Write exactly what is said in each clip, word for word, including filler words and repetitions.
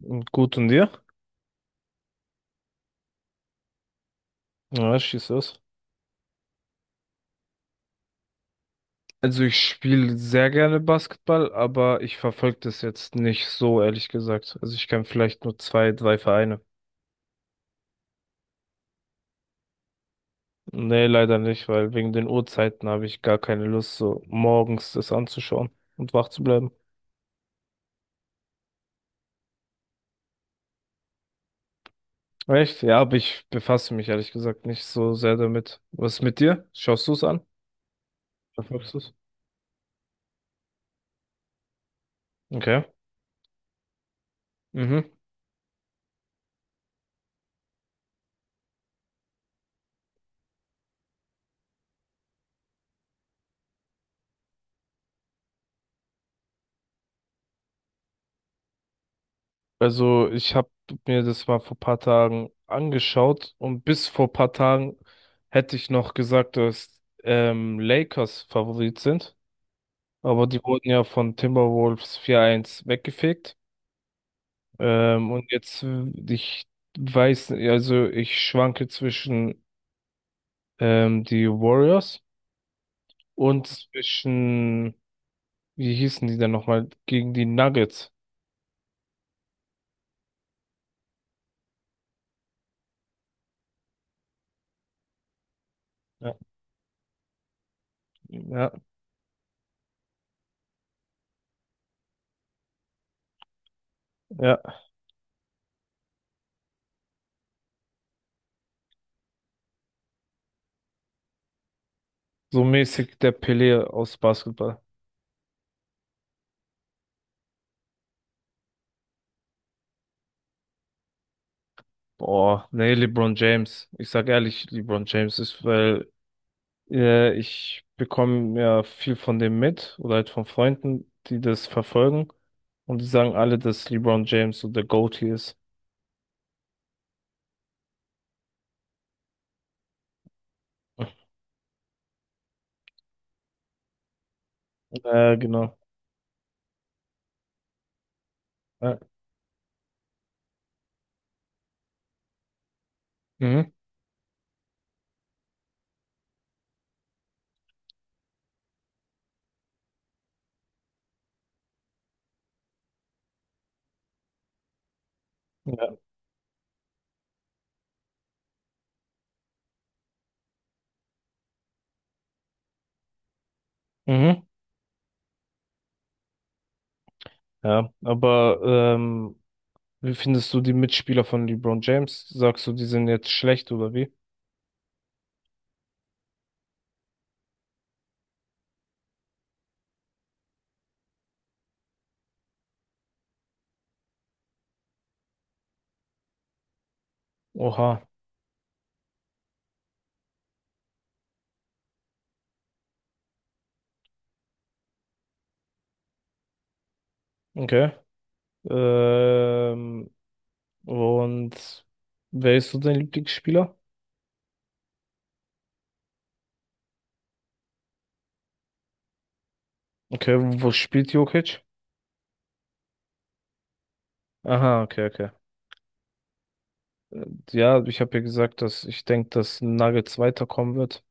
Und gut, und dir? Ja, schieß los. Also ich spiele sehr gerne Basketball, aber ich verfolge das jetzt nicht so, ehrlich gesagt. Also ich kenne vielleicht nur zwei, drei Vereine. Nee, leider nicht, weil wegen den Uhrzeiten habe ich gar keine Lust, so morgens das anzuschauen und wach zu bleiben. Echt? Ja, aber ich befasse mich ehrlich gesagt nicht so sehr damit. Was ist mit dir? Schaust du es an? Verfolgst du es? Okay. Mhm. Also ich habe mir das mal vor paar Tagen angeschaut, und bis vor paar Tagen hätte ich noch gesagt, dass ähm, Lakers Favorit sind, aber die wurden ja von Timberwolves vier eins weggefegt. Ähm, und jetzt, äh, ich weiß, also ich schwanke zwischen ähm, die Warriors und zwischen, wie hießen die denn nochmal, gegen die Nuggets. Ja, ja, ja. So mäßig der Pelé aus Basketball. Boah, nee, LeBron James. Ich sag ehrlich, LeBron James ist, weil äh, ich bekomme ja viel von dem mit, oder halt von Freunden, die das verfolgen. Und die sagen alle, dass LeBron James so der GOAT hier ist. Äh, genau. Ja. Mhm. Ja. Mhm. Ja. Aber ähm, wie findest du die Mitspieler von LeBron James? Sagst du, die sind jetzt schlecht, oder wie? Oha, okay. Ähm, und wer ist so dein Lieblingsspieler? Okay, wo spielt Jokic? Aha, okay, okay. Ja, ich habe ja gesagt, dass ich denke, dass Nuggets weiterkommen wird.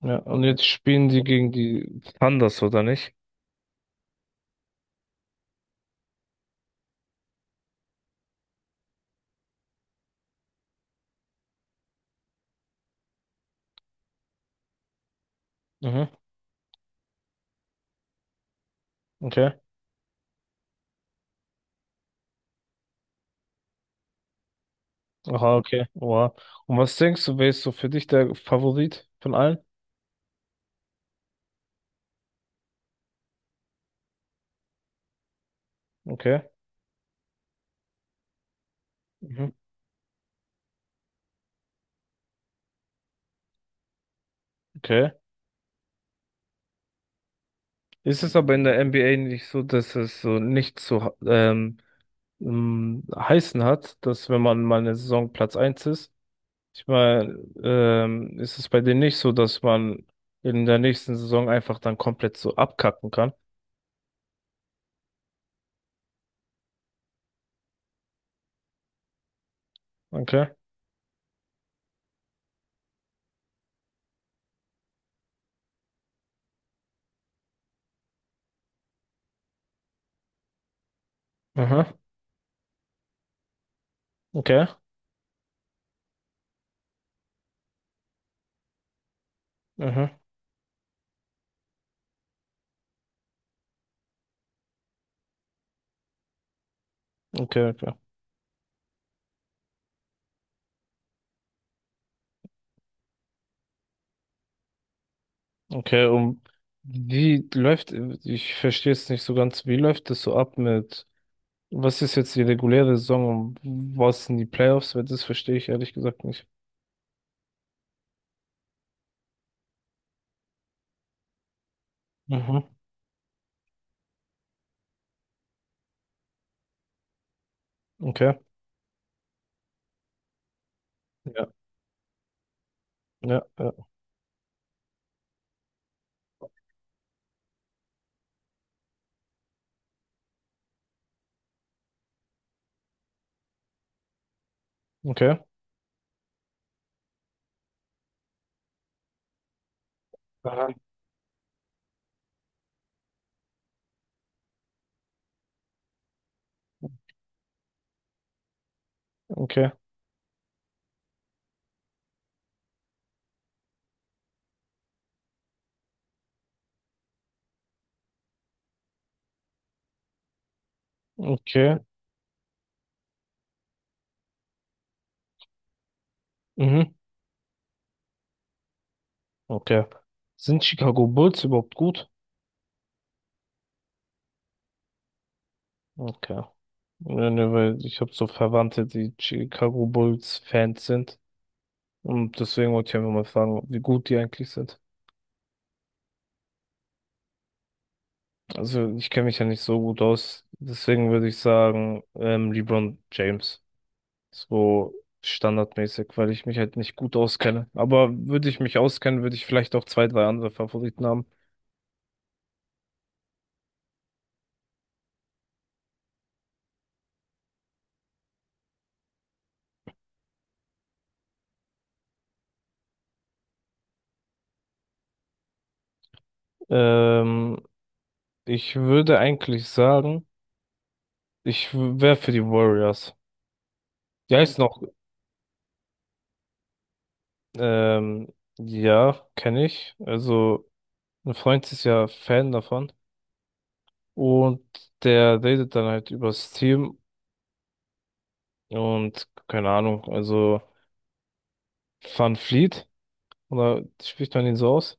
Ja, und okay. Jetzt spielen die gegen die Thunders, oder nicht? Mhm, okay. Aha, okay. Wow. Und was denkst du, wer ist so für dich der Favorit von allen? Okay. Mhm. Okay. Ist es aber in der N B A nicht so, dass es so nicht so ähm, ähm, heißen hat, dass wenn man mal eine Saison Platz eins ist, ich meine, ähm, ist es bei denen nicht so, dass man in der nächsten Saison einfach dann komplett so abkacken kann? Okay. Aha. Okay. Aha. Okay, okay. Okay, um wie läuft, ich verstehe es nicht so ganz, wie läuft das so ab mit, was ist jetzt die reguläre Saison und was sind die Playoffs? Weil das verstehe ich ehrlich gesagt nicht. Mhm. Okay. Ja. Ja. Ja. Okay. Aha. Okay. Okay. Mhm. Okay. Sind Chicago Bulls überhaupt gut? Okay. Ja, ne, weil ich habe so Verwandte, die Chicago Bulls Fans sind. Und deswegen wollte ich einfach mal fragen, wie gut die eigentlich sind. Also ich kenne mich ja nicht so gut aus. Deswegen würde ich sagen, ähm, LeBron James. So standardmäßig, weil ich mich halt nicht gut auskenne. Aber würde ich mich auskennen, würde ich vielleicht auch zwei, drei andere Favoriten haben. Ähm, ich würde eigentlich sagen, ich wäre für die Warriors. Die heißt noch, ähm, ja, kenne ich. Also, ein Freund ist ja Fan davon, und der redet dann halt übers Team, und keine Ahnung, also Van Fleet, oder spricht man ihn so aus?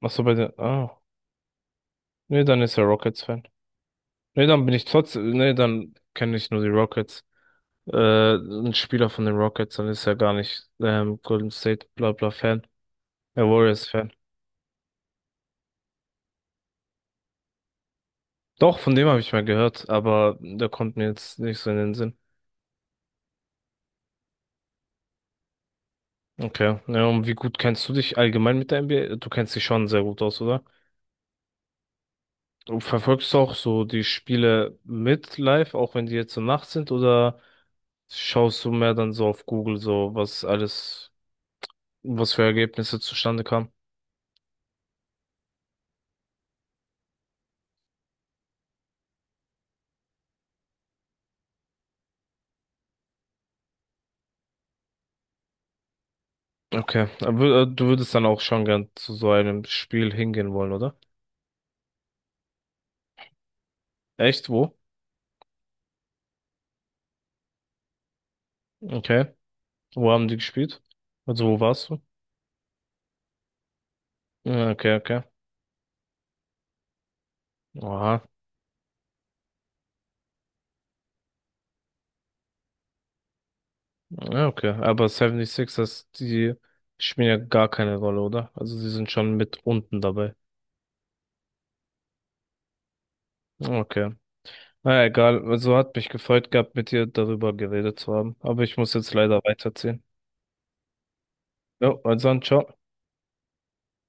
Ach so, bei den, ah, nee, dann ist er Rockets-Fan. Nee, dann bin ich trotzdem, nee, dann kenne ich nur die Rockets. Äh, ein Spieler von den Rockets, dann ist er gar nicht ähm, Golden State bla bla Fan, er Warriors-Fan. Doch, von dem habe ich mal gehört, aber der kommt mir jetzt nicht so in den Sinn. Okay. Ja, und wie gut kennst du dich allgemein mit der N B A? Du kennst dich schon sehr gut aus, oder? Du verfolgst auch so die Spiele mit live, auch wenn die jetzt so Nacht sind, oder schaust du mehr dann so auf Google, so was alles, was für Ergebnisse zustande kamen? Okay. Aber, wür- äh, du würdest dann auch schon gern zu so einem Spiel hingehen wollen, oder? Echt? Wo? Okay. Wo haben die gespielt? Also wo warst du? Ja, okay, okay. Oha. Ja, okay. Aber sixers, die spielen ja gar keine Rolle, oder? Also sie sind schon mit unten dabei. Okay. Na ja, egal, also hat mich gefreut gehabt, mit dir darüber geredet zu haben. Aber ich muss jetzt leider weiterziehen. Jo, also dann, ciao.